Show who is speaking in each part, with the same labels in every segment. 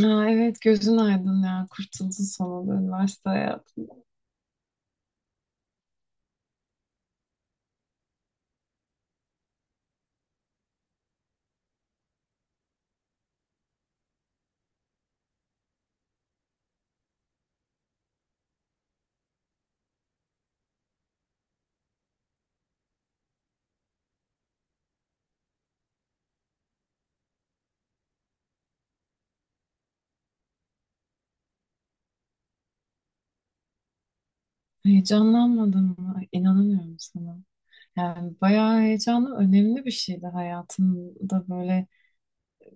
Speaker 1: Ha, evet gözün aydın ya. Kurtuldun sonunda üniversite hayatından. Heyecanlanmadın mı? İnanamıyorum sana. Yani bayağı heyecanlı, önemli bir şeydi hayatımda böyle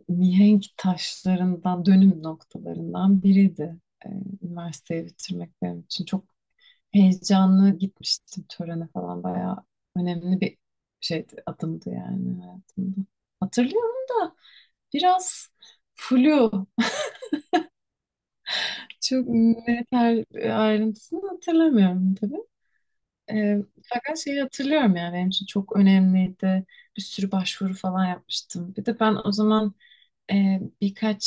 Speaker 1: mihenk taşlarından, dönüm noktalarından biriydi. Ee, üniversiteyi bitirmek benim için çok heyecanlı gitmiştim törene falan. Bayağı önemli bir şeydi, adımdı yani hayatımda. Hatırlıyorum da biraz flu. Çok net her ayrıntısını hatırlamıyorum tabii. Ee, fakat şeyi hatırlıyorum yani benim için çok önemliydi. Bir sürü başvuru falan yapmıştım. Bir de ben o zaman birkaç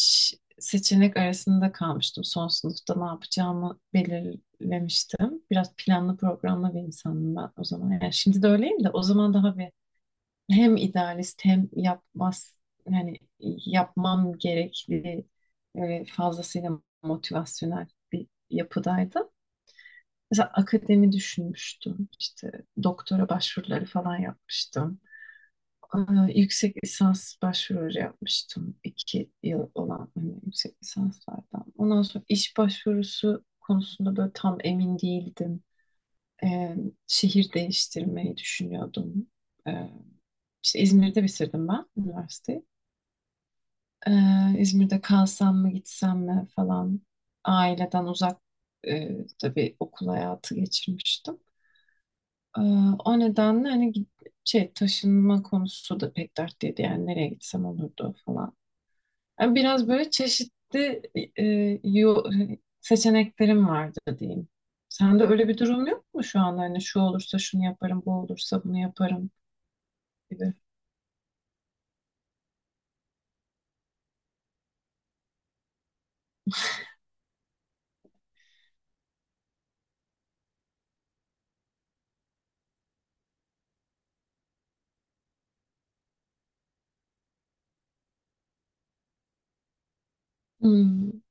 Speaker 1: seçenek arasında kalmıştım. Son sınıfta ne yapacağımı belirlemiştim. Biraz planlı programlı bir insanım ben o zaman. Yani şimdi de öyleyim de o zaman daha bir hem idealist hem yapmaz yani yapmam gerekli böyle fazlasıyla motivasyonel bir yapıdaydım. Mesela akademi düşünmüştüm. İşte doktora başvuruları falan yapmıştım. Aa, yüksek lisans başvuruları yapmıştım. 2 yıl olan hani yüksek lisanslardan. Ondan sonra iş başvurusu konusunda böyle tam emin değildim. Ee, şehir değiştirmeyi düşünüyordum. Ee, işte İzmir'de bitirdim ben üniversiteyi. İzmir'de kalsam mı gitsem mi falan aileden uzak tabii okul hayatı geçirmiştim. Ee, o nedenle hani şey taşınma konusu da pek dertliydi yani nereye gitsem olurdu falan. Yani biraz böyle çeşitli e, yo- seçeneklerim vardı diyeyim. Sende öyle bir durum yok mu şu anda hani şu olursa şunu yaparım, bu olursa bunu yaparım gibi. Hmm.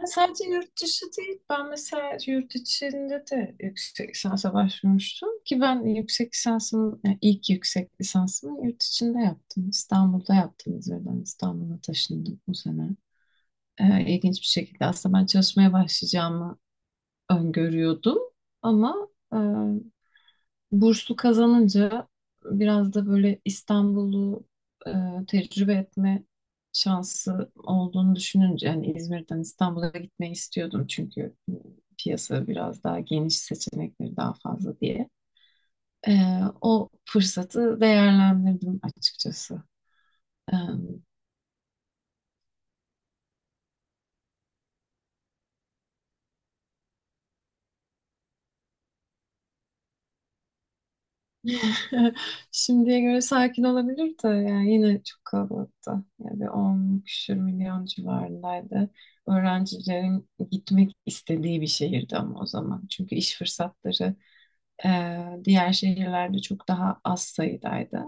Speaker 1: Ya sadece yurt dışı değil. Ben mesela yurt içinde de yüksek lisansa başvurmuştum ki ben yüksek lisansımı, yani ilk yüksek lisansımı yurt içinde yaptım. İstanbul'da yaptım. İzmir'den İstanbul'a taşındım bu sene. İlginç bir şekilde aslında ben çalışmaya başlayacağımı öngörüyordum ama burslu kazanınca biraz da böyle İstanbul'u e, tecrübe etme şansı olduğunu düşününce yani İzmir'den İstanbul'a gitmeyi istiyordum çünkü piyasa biraz daha geniş seçenekleri daha fazla diye. E, o fırsatı değerlendirdim açıkçası. E, Şimdiye göre sakin olabilir de yani yine çok kalabalıktı. Yani bir 10 küsür milyon civarındaydı. Öğrencilerin gitmek istediği bir şehirdi ama o zaman. Çünkü iş fırsatları e, diğer şehirlerde çok daha az sayıdaydı.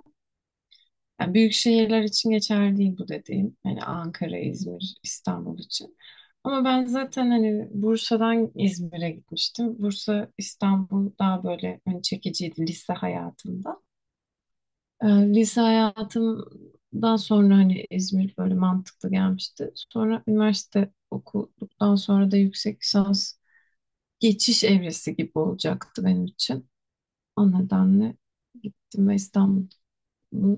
Speaker 1: Yani büyük şehirler için geçerli değil bu dediğim. Yani Ankara, İzmir, İstanbul için. Ama ben zaten hani Bursa'dan İzmir'e gitmiştim. Bursa, İstanbul daha böyle hani çekiciydi lise hayatımda. Lise hayatımdan sonra hani İzmir böyle mantıklı gelmişti. Sonra üniversite okuduktan sonra da yüksek lisans geçiş evresi gibi olacaktı benim için. O nedenle gittim ve İstanbul'un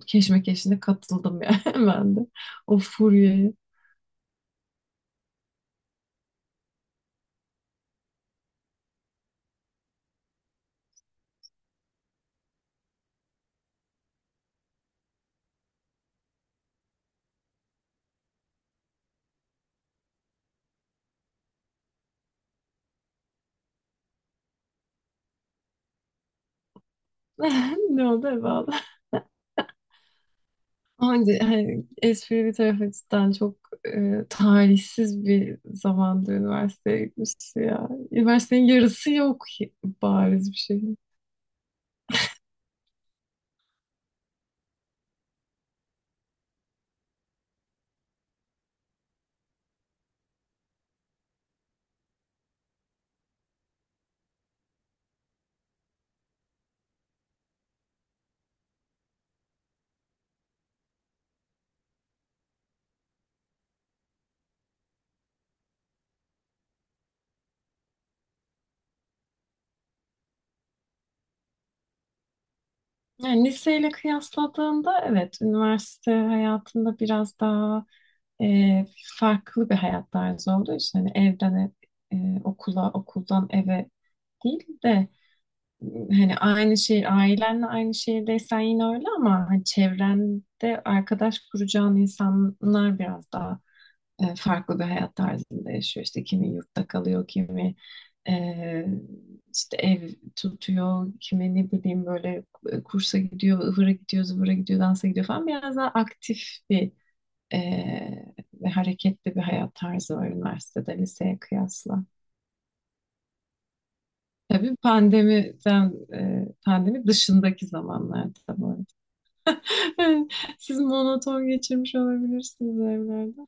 Speaker 1: keşmekeşine katıldım yani ben de. O furyaya. Ne oldu evladım? Hani, hani espri bir tarafa cidden çok talihsiz bir zamanda üniversiteye gitmişti ya. Üniversitenin yarısı yok bariz bir şey. Yani liseyle kıyasladığında evet üniversite hayatında biraz daha e, farklı bir hayat tarzı olduğu için hani evden ev, okula okuldan eve değil de hani aynı şehir ailenle aynı şehirdeysen yine öyle ama hani çevrende arkadaş kuracağın insanlar biraz daha farklı bir hayat tarzında yaşıyor. İşte kimi yurtta kalıyor, kimi e, işte ev tutuyor, kimi ne bileyim böyle kursa gidiyor, ıvıra gidiyor, zıvıra gidiyor, dansa gidiyor falan. Biraz daha aktif bir e, ve hareketli bir hayat tarzı var üniversitede, liseye kıyasla. Tabii pandemiden, pandemi dışındaki zamanlarda bu arada. Siz monoton geçirmiş olabilirsiniz evlerde.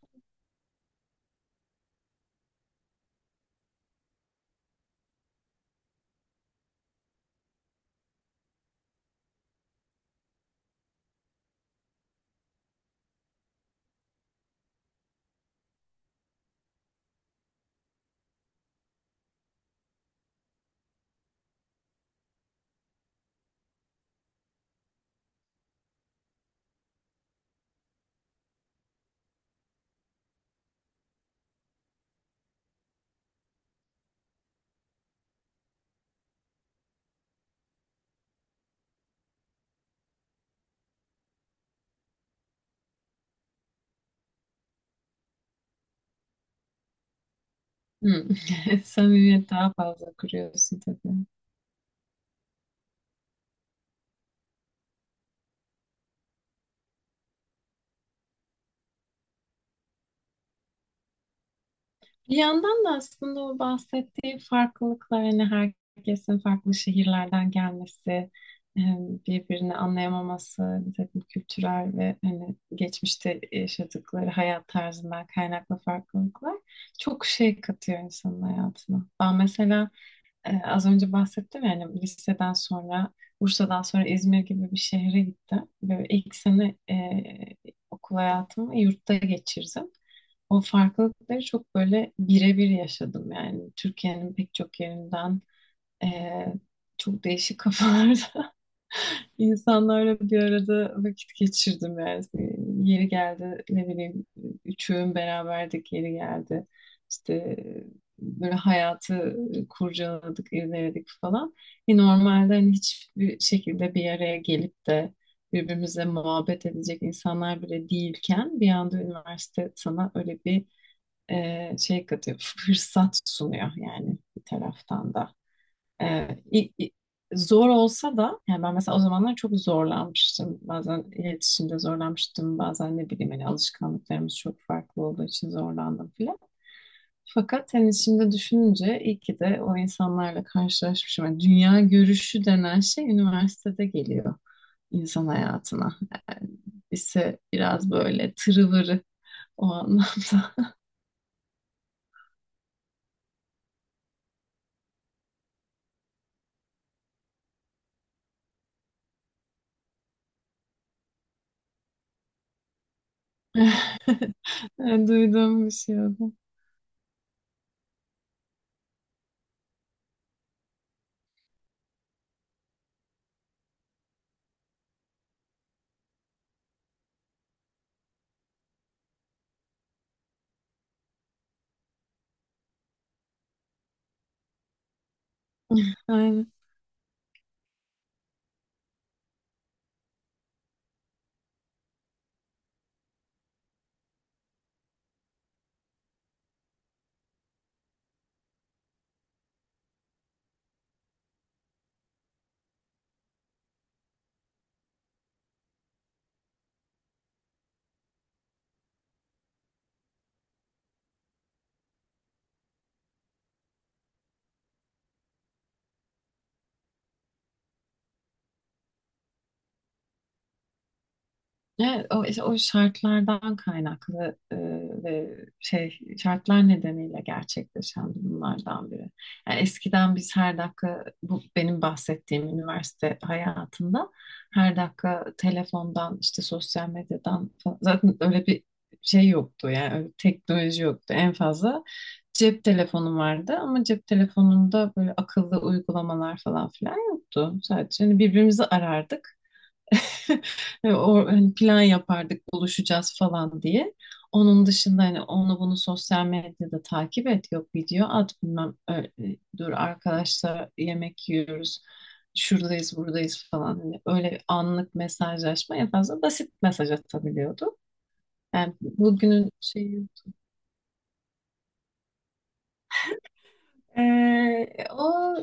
Speaker 1: Hmm. Samimiyet daha fazla kuruyorsun tabii. Bir yandan da aslında o bahsettiği farklılıklar hani herkesin farklı şehirlerden gelmesi, e, birbirini anlayamaması, bir takım kültürel ve hani geçmişte yaşadıkları hayat tarzından kaynaklı farklılıklar çok şey katıyor insanın hayatına. Ben mesela az önce bahsettim yani liseden sonra Bursa'dan sonra İzmir gibi bir şehre gittim. Böyle ilk sene okul hayatımı yurtta geçirdim. O farklılıkları çok böyle birebir yaşadım yani Türkiye'nin pek çok yerinden e, çok değişik kafalarda İnsanlarla bir arada vakit geçirdim yani. İşte yeri geldi ne bileyim üçüğün beraberdik yeri geldi. İşte böyle hayatı kurcaladık, irdeledik falan. E normalde hani hiçbir şekilde bir araya gelip de birbirimize muhabbet edecek insanlar bile değilken bir anda üniversite sana öyle bir şey katıyor, fırsat sunuyor yani bir taraftan da. Ee, i- i- zor olsa da yani ben mesela o zamanlar çok zorlanmıştım. Bazen iletişimde zorlanmıştım. Bazen ne bileyim hani alışkanlıklarımız çok farklı olduğu için zorlandım filan. Fakat hani şimdi düşününce iyi ki de o insanlarla karşılaşmışım. Yani dünya görüşü denen şey üniversitede geliyor insan hayatına. Yani lise biraz böyle tırıvırı o anlamda. Yani duyduğum bir şey oldu. Evet, o, işte o şartlardan kaynaklı ve şey şartlar nedeniyle gerçekleşen durumlardan biri. Yani eskiden biz her dakika bu benim bahsettiğim üniversite hayatında her dakika telefondan işte sosyal medyadan falan- zaten öyle bir şey yoktu yani öyle bir teknoloji yoktu en fazla cep telefonum vardı ama cep telefonunda böyle akıllı uygulamalar falan filan yoktu. Sadece hani birbirimizi arardık. O, hani plan yapardık buluşacağız falan diye. Onun dışında hani onu bunu sosyal medyada takip et yok video at bilmem öyle, dur arkadaşlar yemek yiyoruz şuradayız buradayız falan hani öyle anlık mesajlaşma en fazla basit mesaj atabiliyordu. Yani bugünün şeyi. O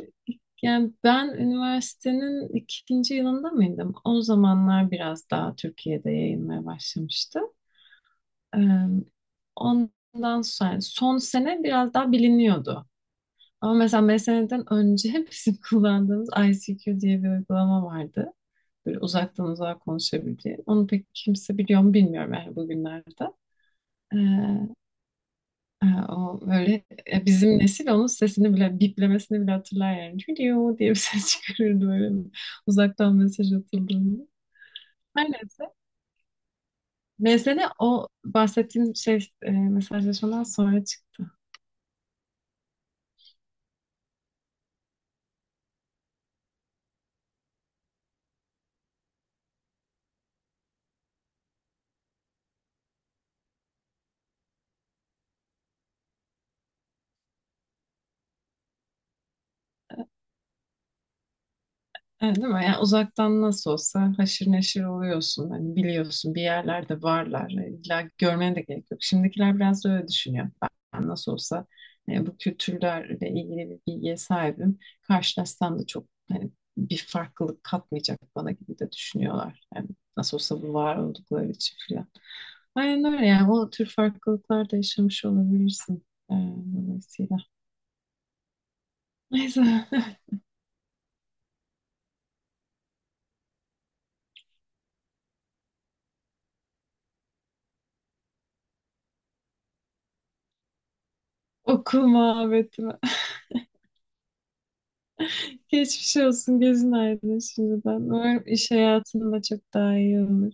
Speaker 1: yani ben üniversitenin ikinci yılında mıydım? O zamanlar biraz daha Türkiye'de yayılmaya başlamıştı. Eee, Ondan sonra yani son sene biraz daha biliniyordu. Ama mesela 5 seneden önce bizim kullandığımız ICQ diye bir uygulama vardı. Böyle uzaktan uzağa konuşabildiği. Onu pek kimse biliyor mu bilmiyorum yani bugünlerde. Ee, o böyle bizim nesil onun sesini bile biplemesini bile hatırlar yani. Video diye bir ses çıkarırdı böyle uzaktan mesaj atıldığında. Her neyse. Mesele o bahsettiğim şey mesajlaşmadan sonra çıktı. Evet, değil mi? Yani uzaktan nasıl olsa haşır neşir oluyorsun. Hani biliyorsun bir yerlerde varlar. İlla görmene de gerek yok. Şimdikiler biraz da öyle düşünüyor. Ben nasıl olsa bu kültürlerle ilgili bir bilgiye sahibim. Karşılaşsam da çok hani bir farklılık katmayacak bana gibi de düşünüyorlar. Yani nasıl olsa bu var oldukları için filan. Aynen öyle yani o tür farklılıklar da yaşamış olabilirsin. e, dolayısıyla. Neyse okul muhabbeti. Geçmiş olsun. Gözün aydın şimdiden. Umarım iş hayatında çok daha iyi olur.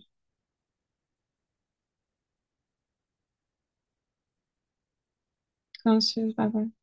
Speaker 1: Konuşuruz. Bay bay.